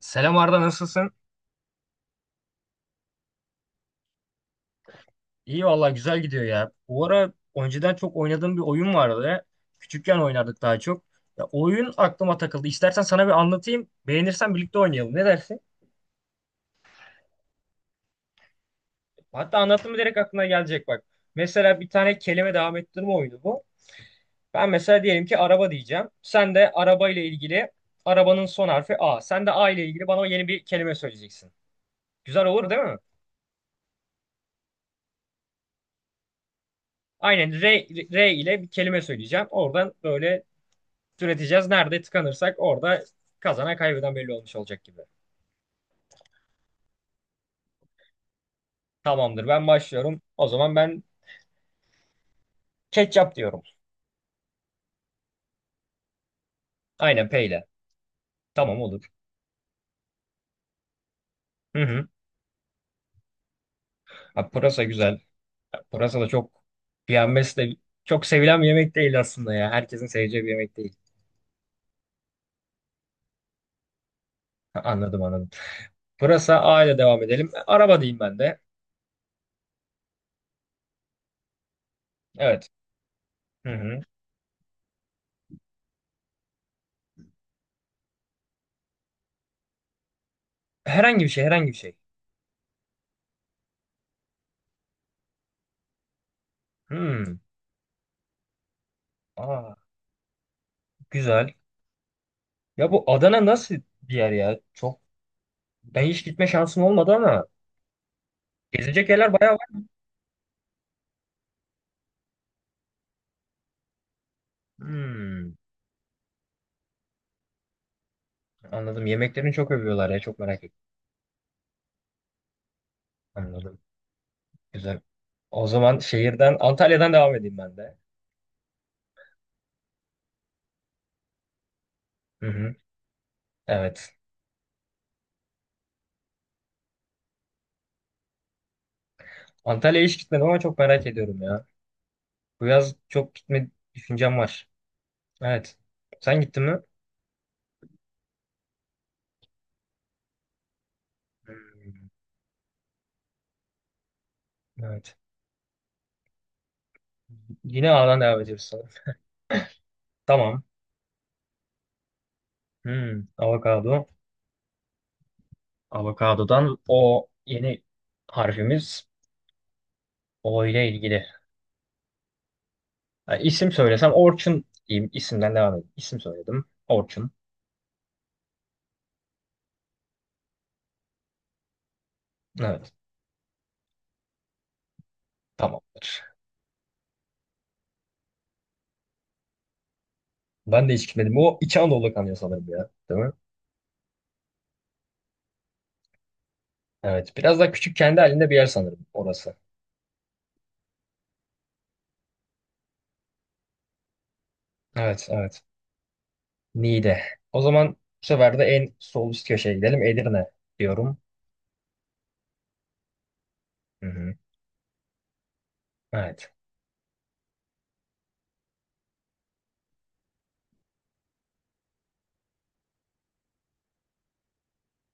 Selam Arda nasılsın? İyi valla güzel gidiyor ya. Bu ara önceden çok oynadığım bir oyun vardı. Küçükken oynardık daha çok. Ya, oyun aklıma takıldı. İstersen sana bir anlatayım. Beğenirsen birlikte oynayalım. Ne dersin? Hatta anlattım mı direkt aklına gelecek bak. Mesela bir tane kelime devam ettirme oyunu bu. Ben mesela diyelim ki araba diyeceğim. Sen de araba ile ilgili arabanın son harfi A. Sen de A ile ilgili bana yeni bir kelime söyleyeceksin. Güzel olur değil mi? Aynen R, R ile bir kelime söyleyeceğim. Oradan böyle üreteceğiz. Nerede tıkanırsak orada kazanan kaybeden belli olmuş olacak gibi. Tamamdır, ben başlıyorum. O zaman ben ketçap diyorum. Aynen peyle. Tamam, olur. Hı hı. Ha, pırasa güzel. Ya, pırasa da çok yenmesi de çok sevilen bir yemek değil aslında ya. Herkesin seveceği bir yemek değil. Ha, anladım anladım. Pırasa A ile devam edelim. Araba diyeyim ben de. Evet. Hı hı. Herhangi bir şey, herhangi bir şey. Hmm. Aa, güzel. Ya bu Adana nasıl bir yer ya? Çok ben hiç gitme şansım olmadı ama gezilecek yerler bayağı. Hmm, anladım. Yemeklerini çok övüyorlar ya. Çok merak ettim. Anladım. Güzel. O zaman şehirden, Antalya'dan devam edeyim ben de. Hı hı. Evet. Antalya'ya hiç gitmedim ama çok merak ediyorum ya. Bu yaz çok gitme düşüncem var. Evet. Sen gittin mi? Hmm, evet. Yine A'dan devam ediyoruz sanırım. Tamam. Hmm, avokado. Avokadodan o yeni harfimiz O ile ilgili. Yani isim söylesem Orçun diyeyim. İsimden devam edeyim. İsim söyledim. Orçun. Evet. Tamamdır. Ben de hiç gitmedim. O İç Anadolu kanıyor sanırım ya. Değil mi? Evet. Biraz daha küçük kendi halinde bir yer sanırım orası. Evet, evet. Niğde. O zaman bu sefer de en sol üst köşeye gidelim. Edirne diyorum. Hı hı. Evet.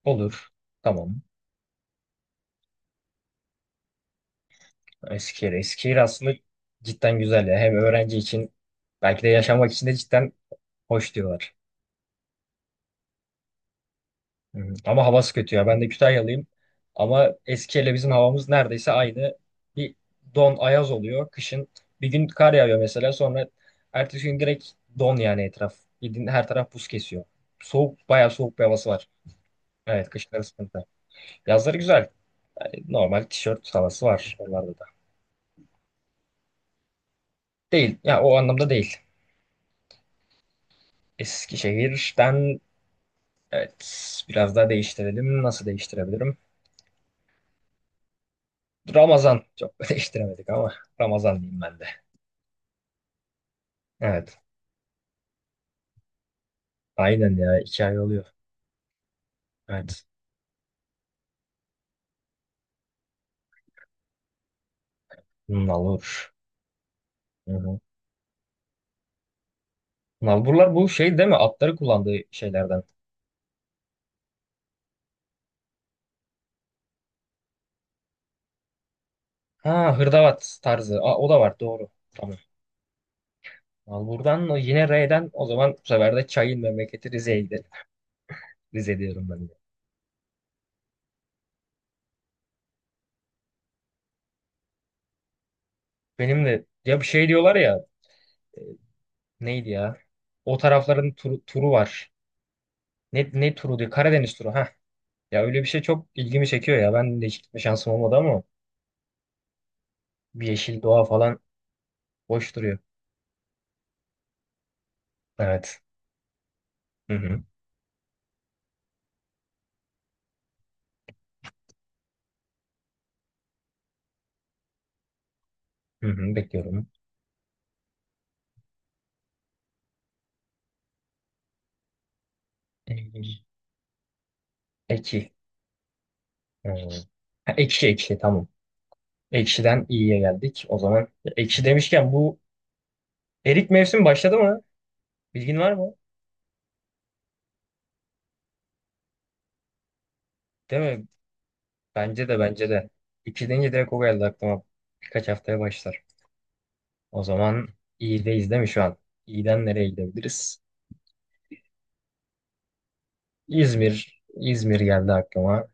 Olur. Tamam. Eskişehir. Eskişehir aslında cidden güzel ya. Hem öğrenci için belki de yaşamak için de cidden hoş diyorlar. Hı hı. Ama havası kötü ya. Ben de Kütahyalıyım. Ama Eskişehir'le bizim havamız neredeyse aynı. Bir don ayaz oluyor. Kışın bir gün kar yağıyor mesela. Sonra ertesi gün direkt don, yani etraf. Bildiğin her taraf buz kesiyor. Soğuk, bayağı soğuk bir havası var. Evet, kışları sıkıntı. Yazları güzel. Yani normal tişört havası var onlarda da. Değil. Ya o anlamda değil. Eskişehir'den evet biraz daha değiştirelim. Nasıl değiştirebilirim? Ramazan. Çok değiştiremedik ama Ramazan diyeyim ben de. Evet. Aynen ya. 2 ay oluyor. Evet. Nalur. Hı hı. Nalburlar bu şey değil mi? Atları kullandığı şeylerden. Ha, hırdavat tarzı. Aa, o da var. Doğru. Tamam. Nalbur'dan o yine R'den o zaman bu sefer de çayın memleketi Rize'ye gidelim. Rize diyorum ben de. Benim de ya bir şey diyorlar ya, neydi ya? O tarafların turu, turu var. Ne turu diyor? Karadeniz turu. Ha. Ya öyle bir şey çok ilgimi çekiyor ya. Ben de hiç gitme şansım olmadı ama bir yeşil doğa falan boş duruyor. Evet. Hı hı. Hı hı. Bekliyorum. Eğil. Eki. Hmm. Ha, ekşi ekşi tamam. Ekşiden iyiye geldik. O zaman ekşi demişken bu erik mevsim başladı mı? Bilgin var mı? Değil mi? Bence de, bence de. İki deyince direkt o geldi aklıma. Birkaç haftaya başlar. O zaman iyideyiz değil mi şu an? İyiden nereye gidebiliriz? İzmir. İzmir geldi aklıma.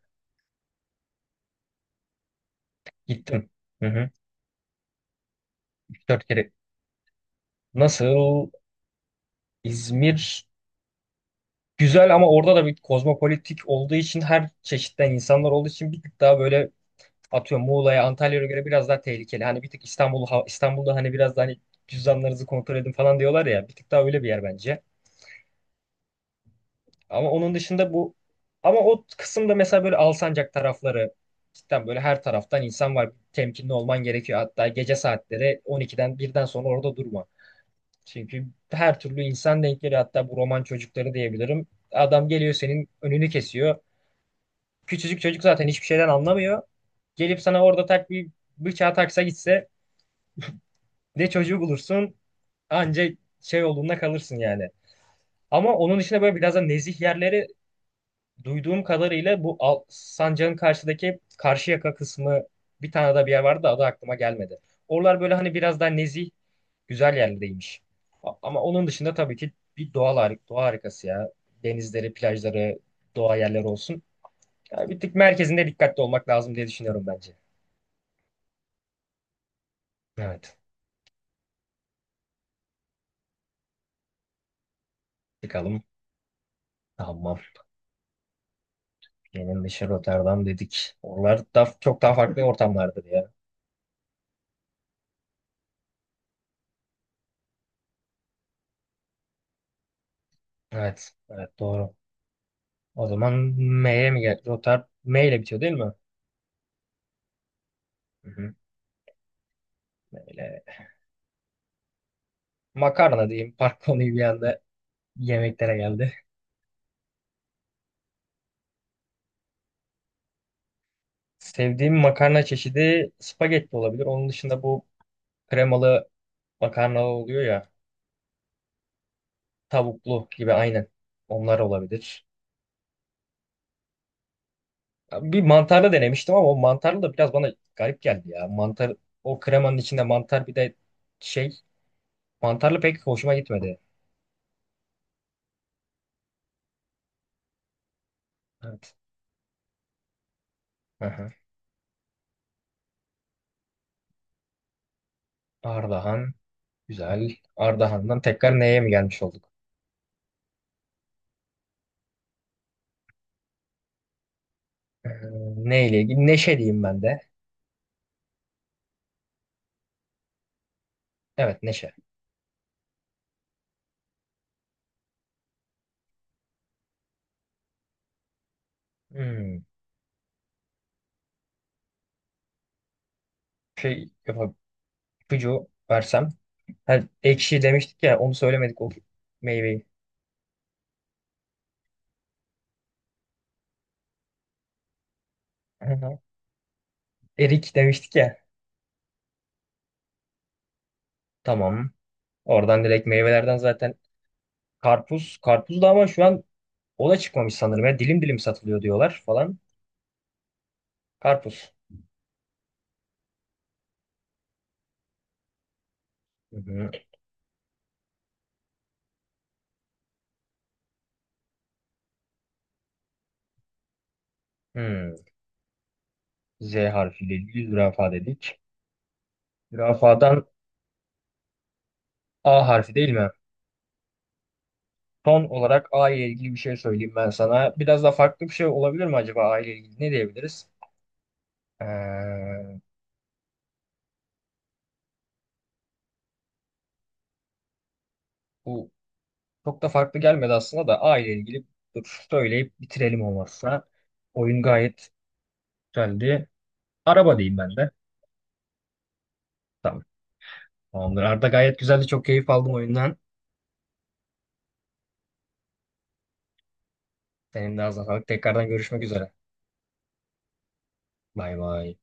Gittim. Hı hı. 3-4 kere. Nasıl? İzmir güzel ama orada da bir kozmopolitik olduğu için, her çeşitten insanlar olduğu için, bir tık daha böyle atıyorum Muğla'ya, Antalya'ya göre biraz daha tehlikeli. Hani bir tık İstanbul, İstanbul'da hani biraz daha, hani cüzdanlarınızı kontrol edin falan diyorlar ya. Bir tık daha öyle bir yer bence. Ama onun dışında bu, ama o kısımda mesela böyle Alsancak tarafları cidden böyle her taraftan insan var. Temkinli olman gerekiyor. Hatta gece saatleri 12'den birden sonra orada durma. Çünkü her türlü insan denk geliyor. Hatta bu roman çocukları diyebilirim. Adam geliyor, senin önünü kesiyor. Küçücük çocuk zaten hiçbir şeyden anlamıyor. Gelip sana orada tak bir bıçağı taksa gitse, bir de çocuğu bulursun anca şey olduğunda, kalırsın yani. Ama onun dışında böyle biraz da nezih yerleri duyduğum kadarıyla bu Sancak'ın karşıdaki Karşıyaka kısmı, bir tane daha bir yer vardı da adı aklıma gelmedi. Oralar böyle hani biraz daha nezih, güzel yerlerdeymiş. Ama onun dışında tabii ki bir doğal doğa harikası ya. Denizleri, plajları, doğa yerleri olsun. Yani bir tık merkezinde dikkatli olmak lazım diye düşünüyorum bence. Evet. Çıkalım. Tamam. Benim dışı Rotterdam dedik. Oralar da çok daha farklı ortamlardır ya. Evet. Evet, doğru. O zaman M'ye mi gel? Rotter M ile bitiyor değil mi? Hı hı. M ile. Makarna diyeyim. Park konuyu bir anda yemeklere geldi. Sevdiğim makarna çeşidi spagetti olabilir. Onun dışında bu kremalı makarna oluyor ya. Tavuklu gibi aynen. Onlar olabilir. Bir mantarlı denemiştim ama o mantarlı da biraz bana garip geldi ya. Mantar o kremanın içinde mantar bir de şey, mantarlı pek hoşuma gitmedi. Evet. Aha. Ardahan. Güzel. Ardahan'dan tekrar neye mi gelmiş olduk? Ee, Neyle ilgili? Neşe diyeyim ben de. Evet, Neşe. Hmm. Şey yapab ipucu versem. Ha, ekşi demiştik ya, onu söylemedik o meyveyi. Aha. Erik demiştik ya. Tamam. Oradan direkt meyvelerden zaten karpuz. Karpuz da ama şu an o da çıkmamış sanırım. Ya. Dilim dilim satılıyor diyorlar falan. Karpuz. Hı hı. Hmm. Z harfiyle ilgili zürafa dedik. Zürafadan A harfi değil mi? Son olarak A ile ilgili bir şey söyleyeyim ben sana. Biraz da farklı bir şey olabilir mi acaba A ile ilgili? Ne diyebiliriz? Ee, Bu çok da farklı gelmedi aslında da A ile ilgili, dur söyleyip bitirelim olmazsa. Oyun gayet güzeldi. Araba diyeyim ben de. Tamam. Tamamdır. Arda, gayet güzeldi. Çok keyif aldım oyundan. Senin de ağzına sağlık. Tekrardan görüşmek üzere. Bay bay.